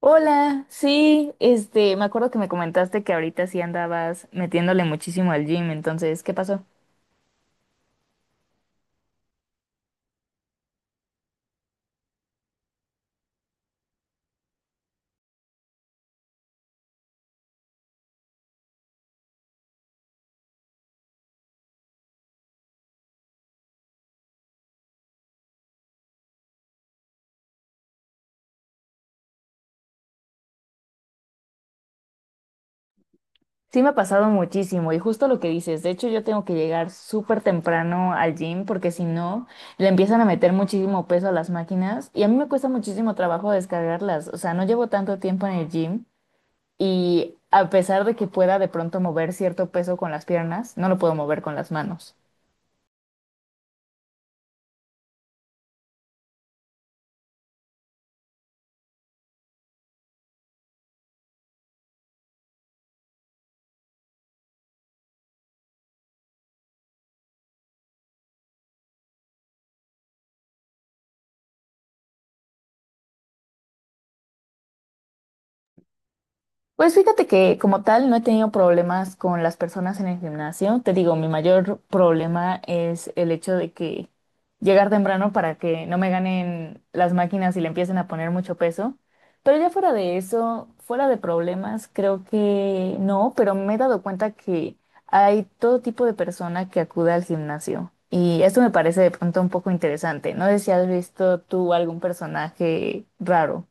Hola, sí, me acuerdo que me comentaste que ahorita sí andabas metiéndole muchísimo al gym, entonces, ¿qué pasó? Sí, me ha pasado muchísimo y justo lo que dices, de hecho yo tengo que llegar súper temprano al gym porque si no, le empiezan a meter muchísimo peso a las máquinas y a mí me cuesta muchísimo trabajo descargarlas, o sea, no llevo tanto tiempo en el gym y a pesar de que pueda de pronto mover cierto peso con las piernas, no lo puedo mover con las manos. Pues fíjate que como tal no he tenido problemas con las personas en el gimnasio. Te digo, mi mayor problema es el hecho de que llegar temprano para que no me ganen las máquinas y le empiecen a poner mucho peso. Pero ya fuera de eso, fuera de problemas, creo que no, pero me he dado cuenta que hay todo tipo de persona que acude al gimnasio. Y esto me parece de pronto un poco interesante. No sé si has visto tú algún personaje raro.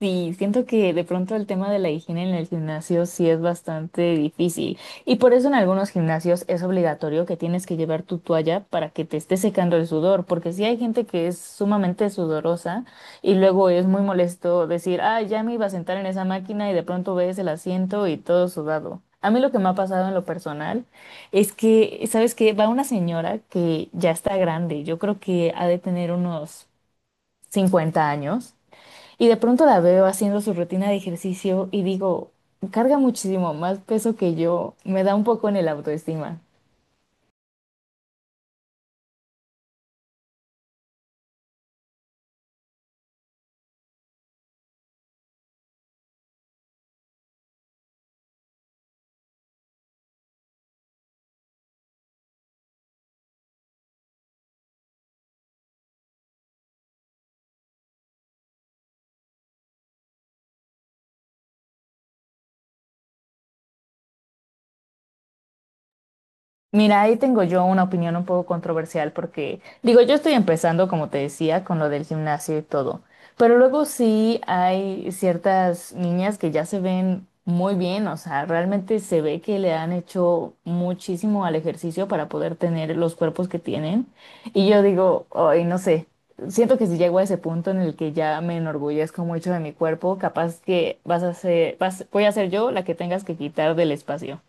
Sí, siento que de pronto el tema de la higiene en el gimnasio sí es bastante difícil y por eso en algunos gimnasios es obligatorio que tienes que llevar tu toalla para que te esté secando el sudor, porque sí hay gente que es sumamente sudorosa y luego es muy molesto decir, ah, ya me iba a sentar en esa máquina y de pronto ves el asiento y todo sudado. A mí lo que me ha pasado en lo personal es que, ¿sabes qué? Va una señora que ya está grande, yo creo que ha de tener unos 50 años. Y de pronto la veo haciendo su rutina de ejercicio y digo, carga muchísimo más peso que yo, me da un poco en el autoestima. Mira, ahí tengo yo una opinión un poco controversial porque, digo, yo estoy empezando, como te decía, con lo del gimnasio y todo, pero luego sí hay ciertas niñas que ya se ven muy bien, o sea, realmente se ve que le han hecho muchísimo al ejercicio para poder tener los cuerpos que tienen. Y yo digo, ay, no sé, siento que si llego a ese punto en el que ya me enorgullezco mucho de mi cuerpo, capaz que vas a ser, vas, voy a ser yo la que tengas que quitar del espacio.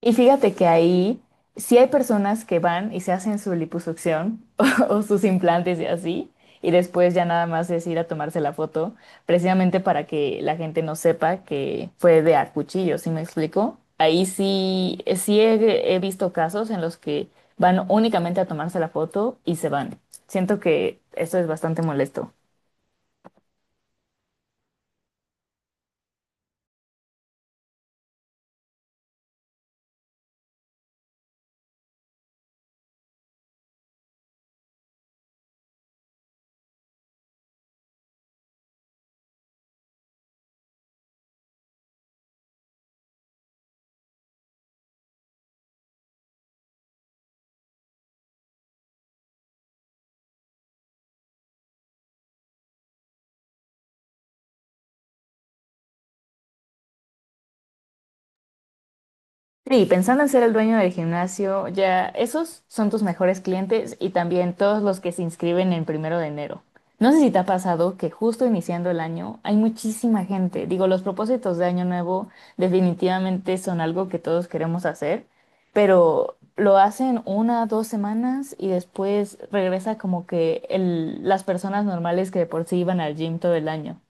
Y fíjate que ahí sí hay personas que van y se hacen su liposucción o sus implantes y así, y después ya nada más es ir a tomarse la foto, precisamente para que la gente no sepa que fue de a cuchillo, ¿sí me explico? Ahí sí, sí he visto casos en los que van únicamente a tomarse la foto y se van. Siento que esto es bastante molesto. Sí, pensando en ser el dueño del gimnasio, ya esos son tus mejores clientes y también todos los que se inscriben en 1 de enero. No sé si te ha pasado que justo iniciando el año hay muchísima gente. Digo, los propósitos de año nuevo definitivamente son algo que todos queremos hacer, pero lo hacen una, 2 semanas y después regresa como que las personas normales que de por sí iban al gym todo el año.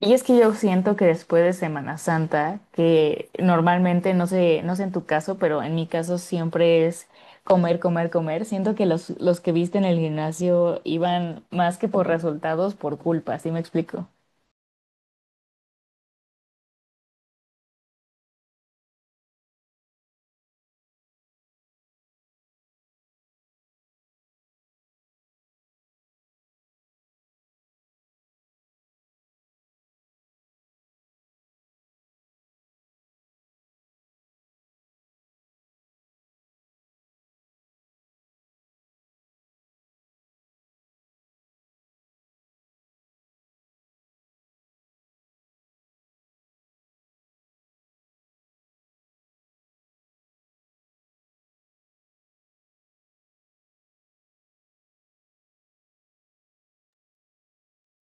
Y es que yo siento que después de Semana Santa, que normalmente, no sé en tu caso, pero en mi caso siempre es comer, comer, comer. Siento que los que viste en el gimnasio iban más que por resultados, por culpa, ¿sí me explico?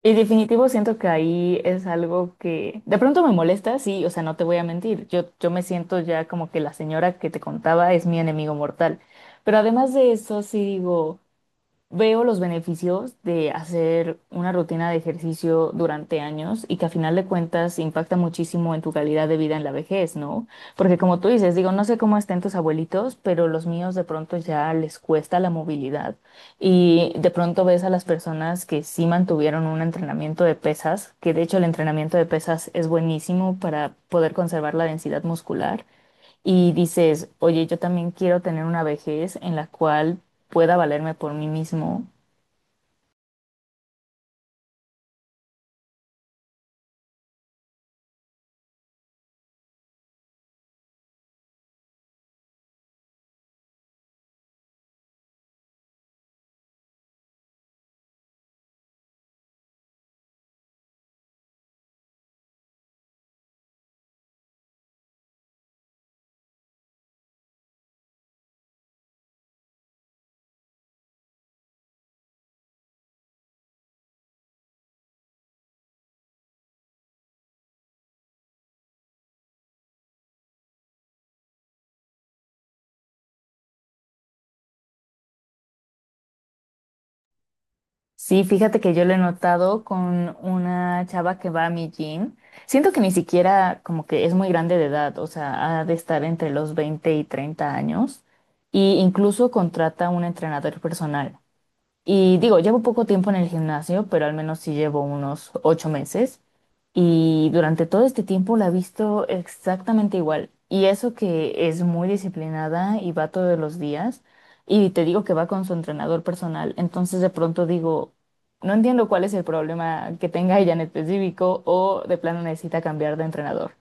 Y definitivo siento que ahí es algo que de pronto me molesta, sí, o sea, no te voy a mentir. Yo me siento ya como que la señora que te contaba es mi enemigo mortal. Pero además de eso, sí digo. Veo los beneficios de hacer una rutina de ejercicio durante años y que a final de cuentas impacta muchísimo en tu calidad de vida en la vejez, ¿no? Porque como tú dices, digo, no sé cómo estén tus abuelitos, pero los míos de pronto ya les cuesta la movilidad y de pronto ves a las personas que sí mantuvieron un entrenamiento de pesas, que de hecho el entrenamiento de pesas es buenísimo para poder conservar la densidad muscular y dices, oye, yo también quiero tener una vejez en la cual pueda valerme por mí mismo. Sí, fíjate que yo lo he notado con una chava que va a mi gym. Siento que ni siquiera como que es muy grande de edad, o sea, ha de estar entre los 20 y 30 años, y incluso contrata un entrenador personal. Y digo, llevo poco tiempo en el gimnasio, pero al menos sí llevo unos 8 meses. Y durante todo este tiempo la he visto exactamente igual. Y eso que es muy disciplinada y va todos los días. Y te digo que va con su entrenador personal. Entonces de pronto digo, no entiendo cuál es el problema que tenga ella en específico o de plano necesita cambiar de entrenador.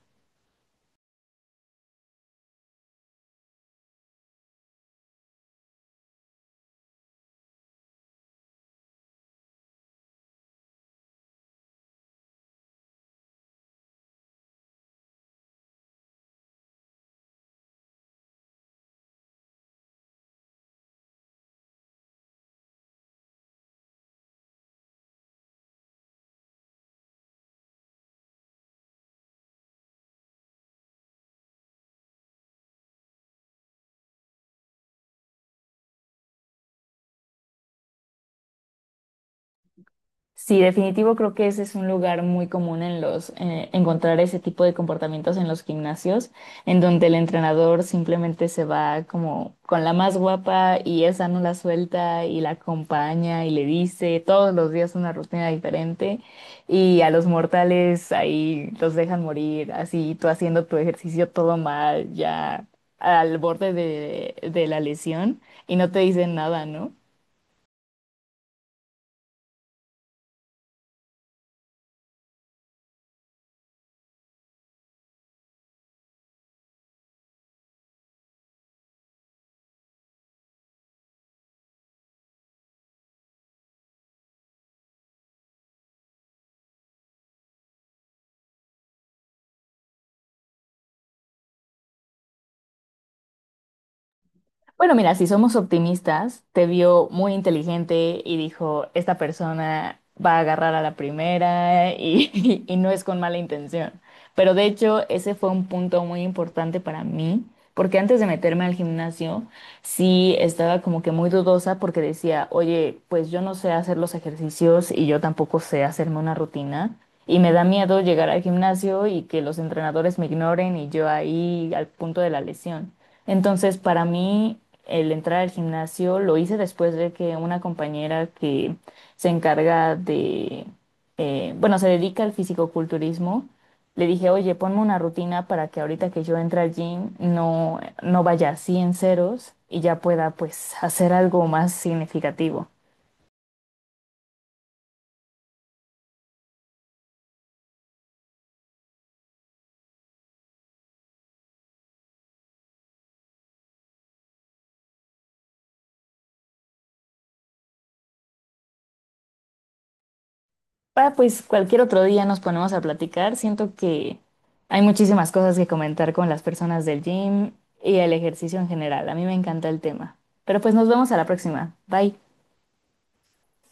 Sí, definitivo, creo que ese es un lugar muy común en los encontrar ese tipo de comportamientos en los gimnasios, en donde el entrenador simplemente se va como con la más guapa y esa no la suelta y la acompaña y le dice todos los días una rutina diferente y a los mortales ahí los dejan morir, así tú haciendo tu ejercicio todo mal, ya al borde de la lesión y no te dicen nada, ¿no? Bueno, mira, si somos optimistas, te vio muy inteligente y dijo, esta persona va a agarrar a la primera y, y no es con mala intención. Pero de hecho, ese fue un punto muy importante para mí, porque antes de meterme al gimnasio, sí estaba como que muy dudosa porque decía, oye, pues yo no sé hacer los ejercicios y yo tampoco sé hacerme una rutina. Y me da miedo llegar al gimnasio y que los entrenadores me ignoren y yo ahí al punto de la lesión. Entonces, para mí, el entrar al gimnasio lo hice después de que una compañera que se encarga de, bueno, se dedica al fisicoculturismo, le dije, oye, ponme una rutina para que ahorita que yo entre al gym no vaya así en ceros y ya pueda pues hacer algo más significativo. Ah, pues cualquier otro día nos ponemos a platicar. Siento que hay muchísimas cosas que comentar con las personas del gym y el ejercicio en general. A mí me encanta el tema. Pero pues nos vemos a la próxima. Bye.